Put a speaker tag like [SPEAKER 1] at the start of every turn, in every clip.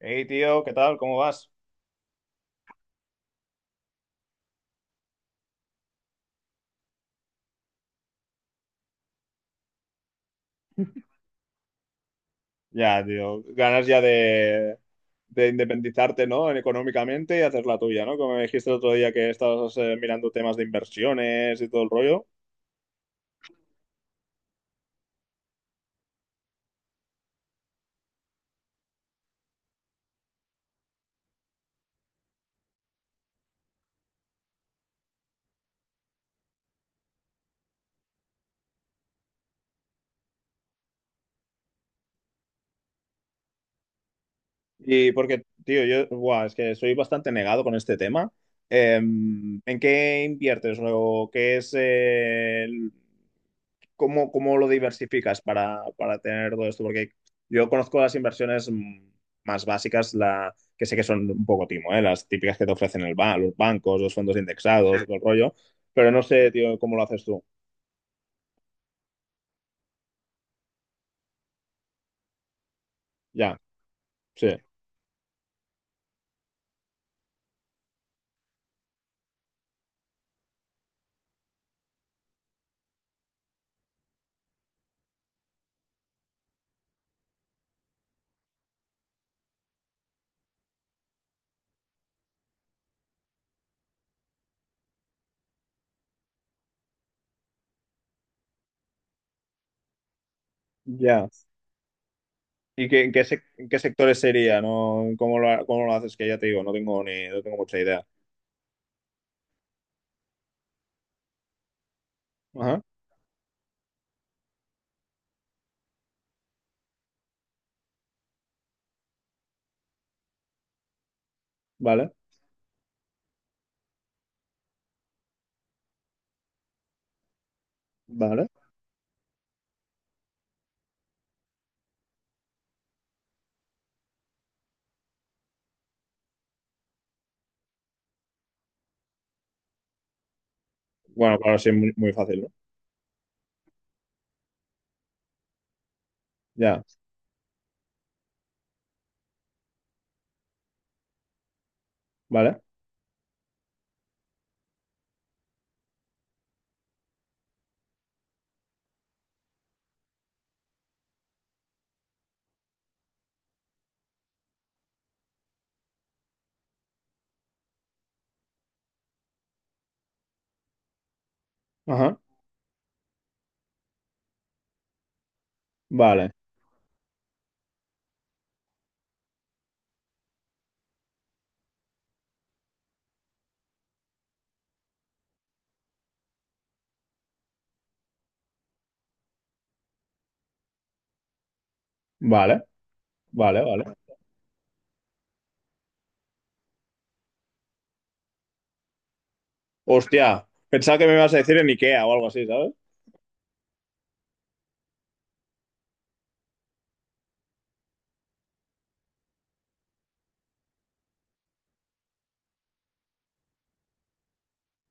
[SPEAKER 1] Hey, tío, ¿qué tal? ¿Cómo vas? Ya, tío, ganas ya de independizarte, ¿no? Económicamente y hacer la tuya, ¿no? Como me dijiste el otro día que estabas mirando temas de inversiones y todo el rollo. Y porque, tío, yo, buah, es que soy bastante negado con este tema. ¿En qué inviertes o qué es cómo lo diversificas para tener todo esto? Porque yo conozco las inversiones más básicas, que sé que son un poco timo, ¿eh? Las típicas que te ofrecen los bancos, los fondos, sí, indexados, todo el rollo, pero no sé, tío, cómo lo haces tú. Ya, sí, ya. ¿Y qué, en qué, en qué sectores sería? ¿No? ¿Cómo lo haces? Que ya te digo, no tengo mucha idea. Ajá, vale, vale. Bueno, claro, sí, es muy, muy fácil, ¿no? Ya, vale, ajá, vale, vale, vale, vale. Hostia, pensaba que me ibas a decir en IKEA o algo así, ¿sabes?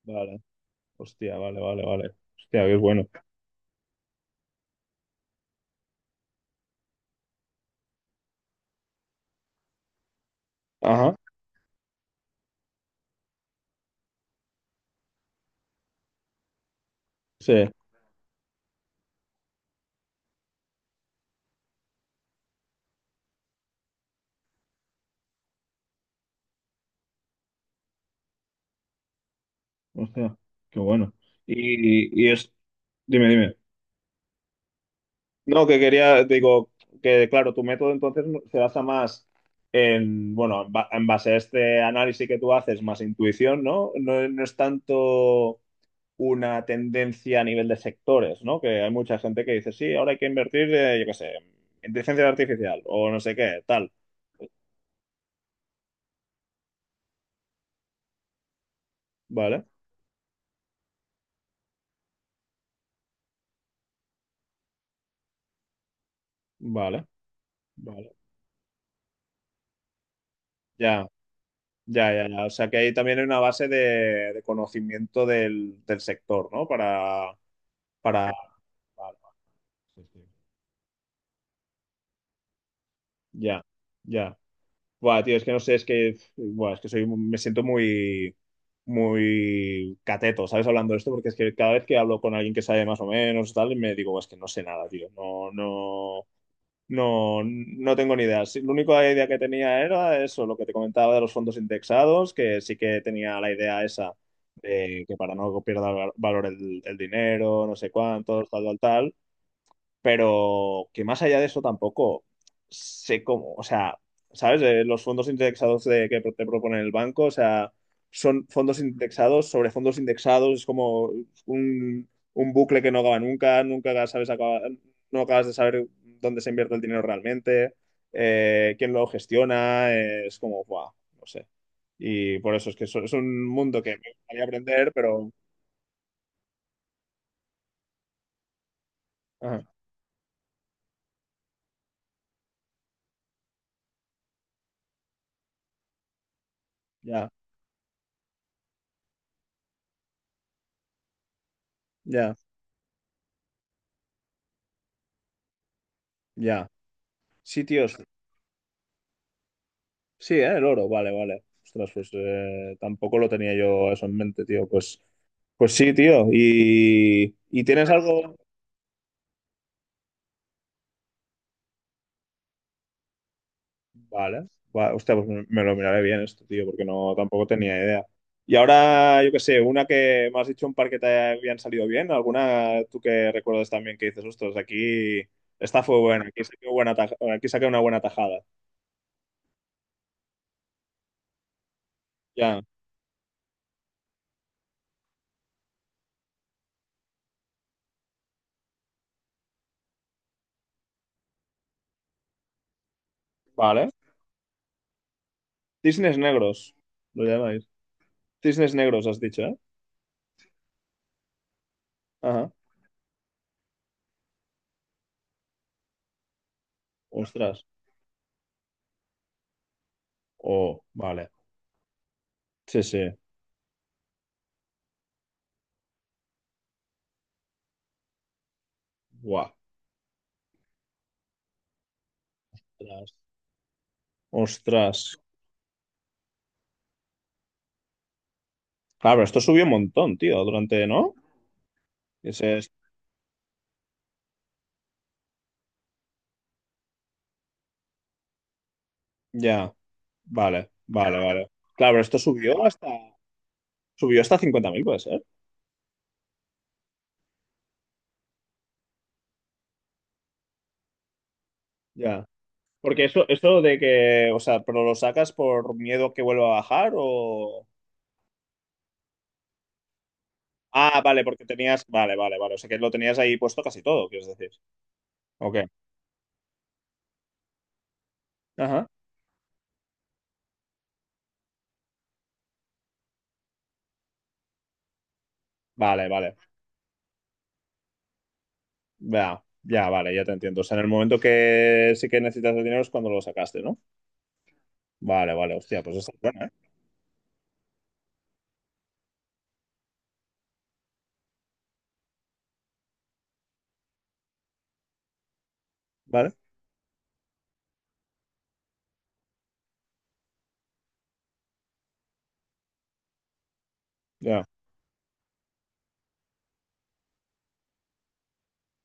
[SPEAKER 1] Vale, hostia, vale, vale, vale. Hostia, qué bueno. Ajá, sí, hostia, qué bueno. Y es, dime, dime. No, que quería, digo, que claro, tu método entonces no, se basa más en, bueno, en base a este análisis que tú haces, más intuición, ¿no? No, no es tanto una tendencia a nivel de sectores, ¿no? Que hay mucha gente que dice, sí, ahora hay que invertir, yo qué sé, en inteligencia artificial o no sé qué, tal. Vale, vale, vale. Ya, ya, ya, ya. O sea que ahí también hay una base de conocimiento del sector, ¿no? Para, vale, vale. Sí, sí. Ya. Ya. Buah, tío, es que no sé, es que, buah, me siento muy, muy cateto, ¿sabes? Hablando de esto, porque es que cada vez que hablo con alguien que sabe más o menos, tal, me digo, es que no sé nada, tío, no, no, no, no tengo ni idea. Sí, la única idea que tenía era eso, lo que te comentaba de los fondos indexados, que sí que tenía la idea esa de que para no pierda valor el dinero, no sé cuántos, tal, tal, tal, pero que más allá de eso tampoco sé cómo, o sea, ¿sabes? Los fondos indexados que te propone el banco, o sea, son fondos indexados sobre fondos indexados, es como un bucle que no acaba nunca, nunca no acabas de saber dónde se invierte el dinero realmente, quién lo gestiona, es como, guau, no sé. Y por eso es que es un mundo que me gustaría aprender, pero... Ajá, ya, ya, ya. Sitios Sí, ¿eh? El oro, vale, vale. Ostras, pues tampoco lo tenía yo eso en mente, tío. Pues, sí, tío. ¿Y tienes algo? Vale. Va, hostia, pues me lo miraré bien esto, tío, porque no tampoco tenía idea. Y ahora, yo qué sé, una que me has dicho un par que te habían salido bien, alguna tú que recuerdas también que dices, ostras, aquí esta fue buena, aquí saqué una buena tajada. Ya, vale. Cisnes negros, lo llamáis. Cisnes negros, has dicho, ¿eh? Ajá. Ostras. Oh, vale. Sí, sí. Guau. Ostras. Ostras. Claro, pero esto subió un montón, tío, durante, ¿no? Ese es- Ya. Vale, vale, vale. Claro, pero esto subió hasta, 50.000 puede ser. Ya. Porque eso de que, o sea, pero lo sacas por miedo a que vuelva a bajar o... Ah, vale, porque tenías, vale, vale, vale. O sea, que lo tenías ahí puesto casi todo, quieres decir. Ok. Ajá. Vale, vale. Ya, ya, vale, ya te entiendo. O sea, en el momento que sí que necesitas el dinero es cuando lo sacaste, ¿no? Vale, vale, hostia, pues está es buena, ¿vale? Ya,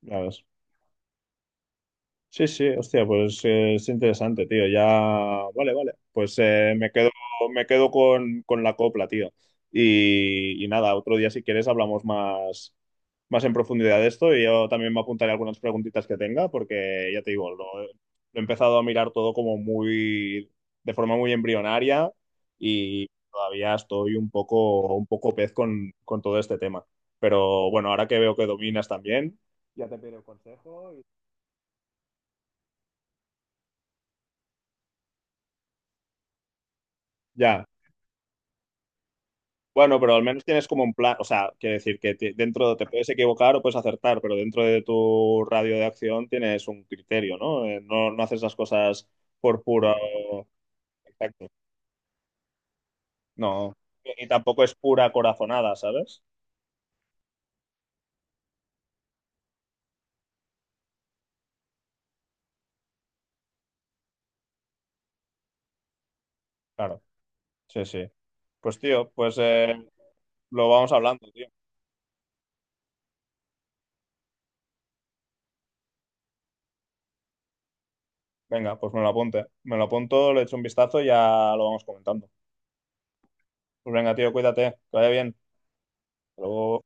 [SPEAKER 1] ya ves. Sí, sí, hostia, pues es interesante, tío. Ya, vale, vale. Pues me quedo con la copla, tío. Y nada, otro día si quieres hablamos más, más en profundidad de esto y yo también me apuntaré algunas preguntitas que tenga porque ya te digo, lo he empezado a mirar todo de forma muy embrionaria y todavía estoy un poco pez con todo este tema. Pero bueno, ahora que veo que dominas también, ya te pido consejo y... Ya. Bueno, pero al menos tienes como un plan, o sea, quiere decir que dentro te puedes equivocar o puedes acertar, pero dentro de tu radio de acción tienes un criterio, ¿no? No, no haces las cosas por pura... Exacto. No. Y tampoco es pura corazonada, ¿sabes? Claro. Sí, sí. Pues tío, pues lo vamos hablando, tío. Venga, pues me lo apunte. Me lo apunto, le echo un vistazo y ya lo vamos comentando. Pues venga, tío, cuídate, que vaya bien. Hasta luego.